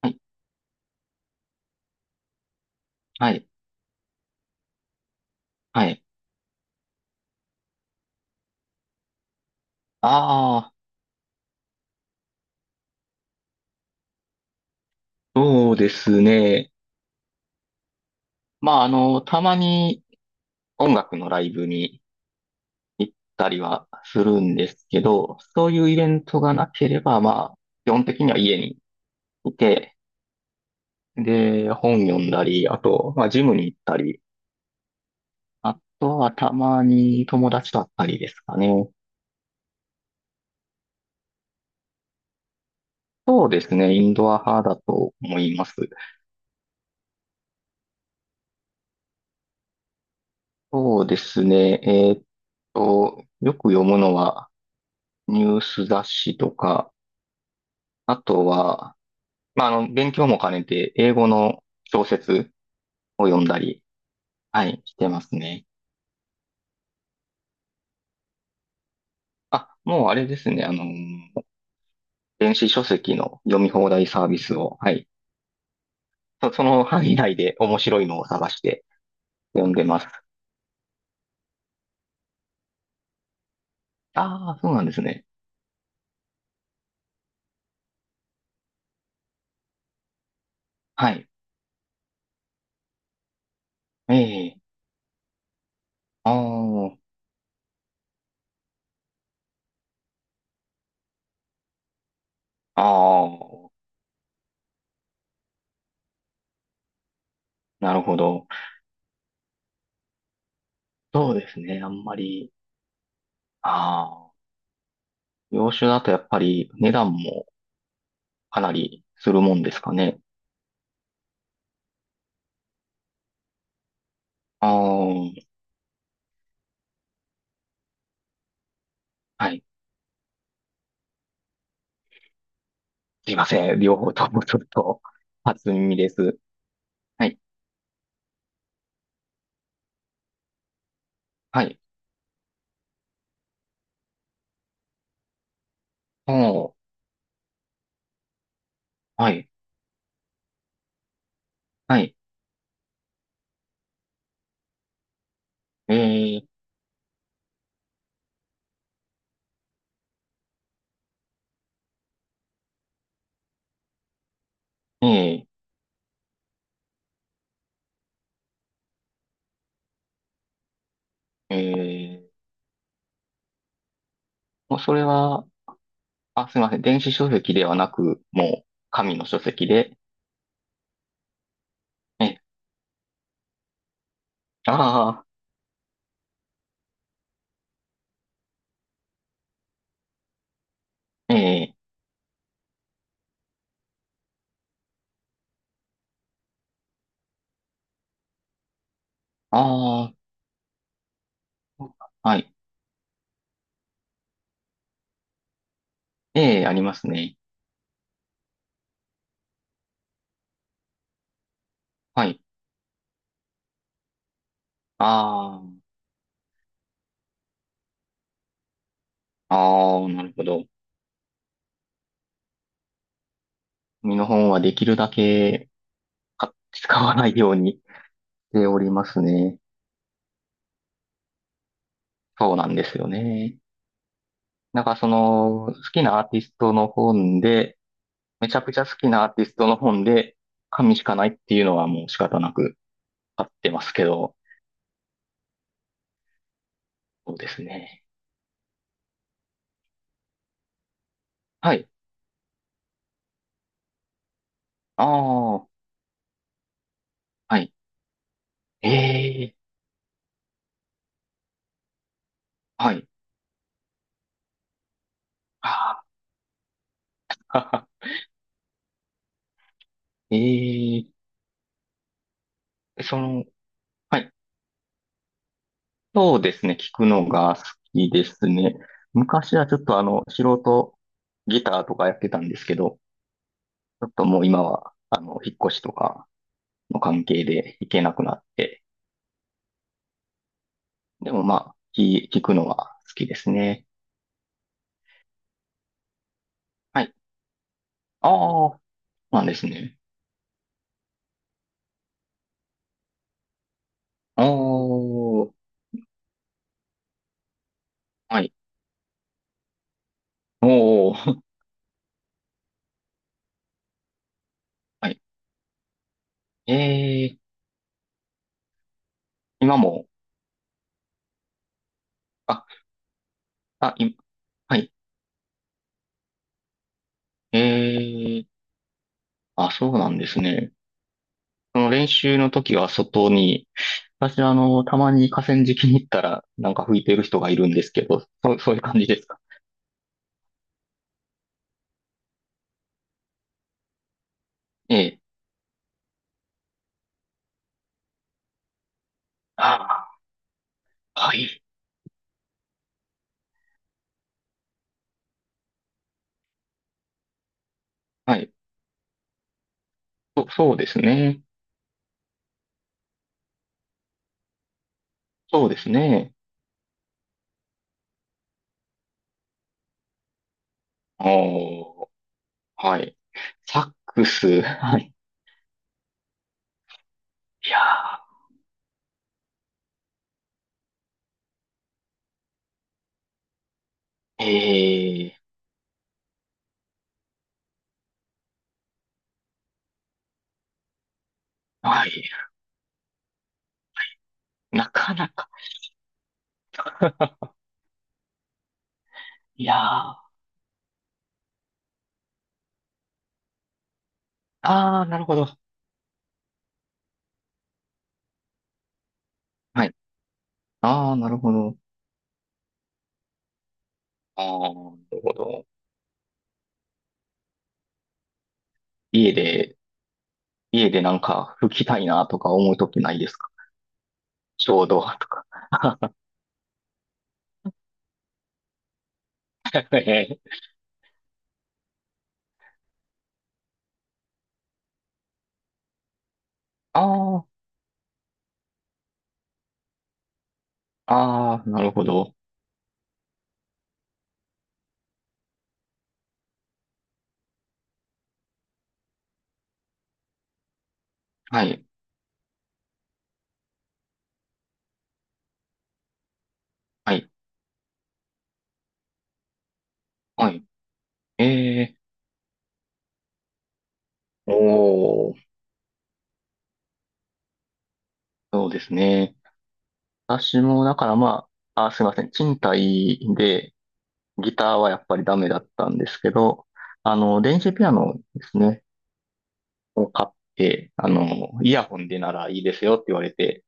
はい、はい、はい。ああ、そうですね。まあ、たまに音楽のライブに行ったりはするんですけど、そういうイベントがなければ、まあ、基本的には家にいて、で、本読んだり、あと、まあ、ジムに行ったり、あとはたまに友達と会ったりですかね。そうですね。インドア派だと思います。そうですね。よく読むのは、ニュース雑誌とか、あとは、まあ、勉強も兼ねて、英語の小説を読んだり、はい、してますね。あ、もうあれですね、電子書籍の読み放題サービスを、はい、その範囲内で面白いのを探して読んでます。ああ、そうなんですね。はい。ええ、あー、あー、なるほど。そうですね、あんまり、ああ、洋酒だとやっぱり値段もかなりするもんですかね。ああ、はい。すいません。両方ともちょっと、初耳です。はい。はい。おー。はい。はい。えー、えー、えー、もうそれは、あ、すいません。電子書籍ではなく、もう、紙の書籍で。え、ああ、えー、ああ、はい。えー、ありますね。はい。ああ、ああ、なるほど。紙の本はできるだけ、か使わないようにしておりますね。そうなんですよね。なんかその、好きなアーティストの本で、めちゃくちゃ好きなアーティストの本で、紙しかないっていうのはもう仕方なくあってますけど、そうですね。はい。ああ、はい。ええ、はい。ああ、ええ、その、はい。そうですね。聞くのが好きですね。昔はちょっと素人ギターとかやってたんですけど、ちょっともう今は、引っ越しとかの関係で行けなくなって、でもまあ、行くのは好きですね。はい。ああ、なんですね。おー、はい。おー、はい。えー、今も、あ、あ、い、はい。えー、あ、そうなんですね。その練習の時は外に、私あの、たまに河川敷に行ったら、なんか吹いてる人がいるんですけど、そういう感じですか。ええ。ああ、はい。はい。そうですね。そうですね。おー、はい。サックス、はい。いやー、ええ、はい。なかなか。いやー、あー、なるほど。はい。あー、なるほど。あー、なるほど。家で、家でなんか吹きたいなとか思うときないですか。ちょうどとか。えー、あー、あー、なるほど。はい。はい。はい。えー、おー、そうですね。私も、だからまあ、あー、すいません。賃貸で、ギターはやっぱりダメだったんですけど、電子ピアノですね。で、あの、イヤホンでならいいですよって言われて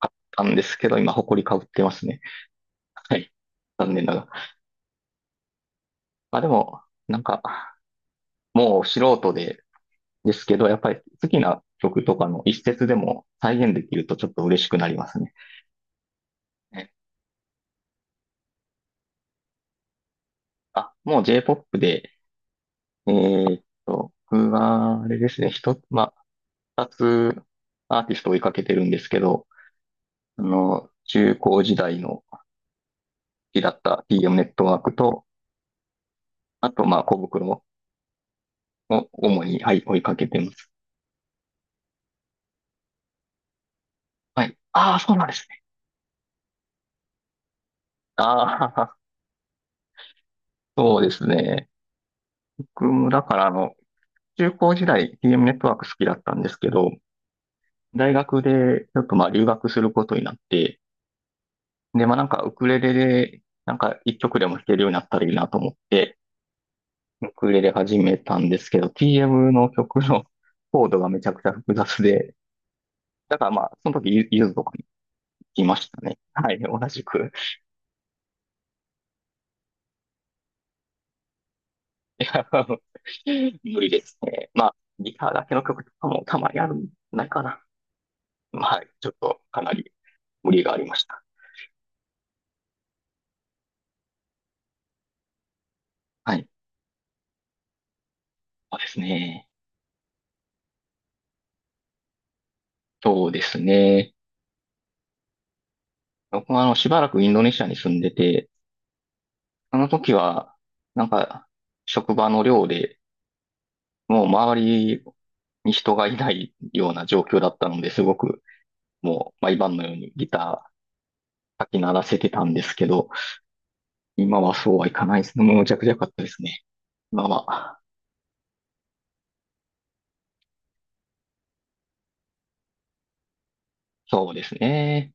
買ったんですけど、今、埃かぶってますね。はい。残念ながら。まあでも、なんか、もう素人で、ですけど、やっぱり好きな曲とかの一節でも再現できるとちょっと嬉しくなりますね。ね、あ、もう J-POP で、僕は、あれですね、一つ、まあ、二つアーティストを追いかけてるんですけど、中高時代の好きだった TM ネットワークと、あと、まあ、小袋を主に、はい、追いかけてます。はい。ああ、そうなんですね。ああ、そうですね。僕も、だから、中高時代 TM ネットワーク好きだったんですけど、大学で、ちょっとまあ、留学することになって、で、まあ、なんか、ウクレレで、なんか、一曲でも弾けるようになったらいいなと思って、ウクレレ始めたんですけど、TM の曲のコードがめちゃくちゃ複雑で、だからまあ、その時、ゆずとかいましたね。はい、同じく。いや、無理ですね。まあ、ギターだけの曲とかもたまにあるんじゃないかな。はい、ちょっとかなり無理がありました。はい、そうですね。そうですね。僕はあの、しばらくインドネシアに住んでて、その時は、なんか、職場の寮で、もう周りに人がいないような状況だったので、すごく、もう毎晩のようにギターかき鳴らせてたんですけど、今はそうはいかないですね。もうむちゃくちゃ良かったですね。まあまあ、そうですね。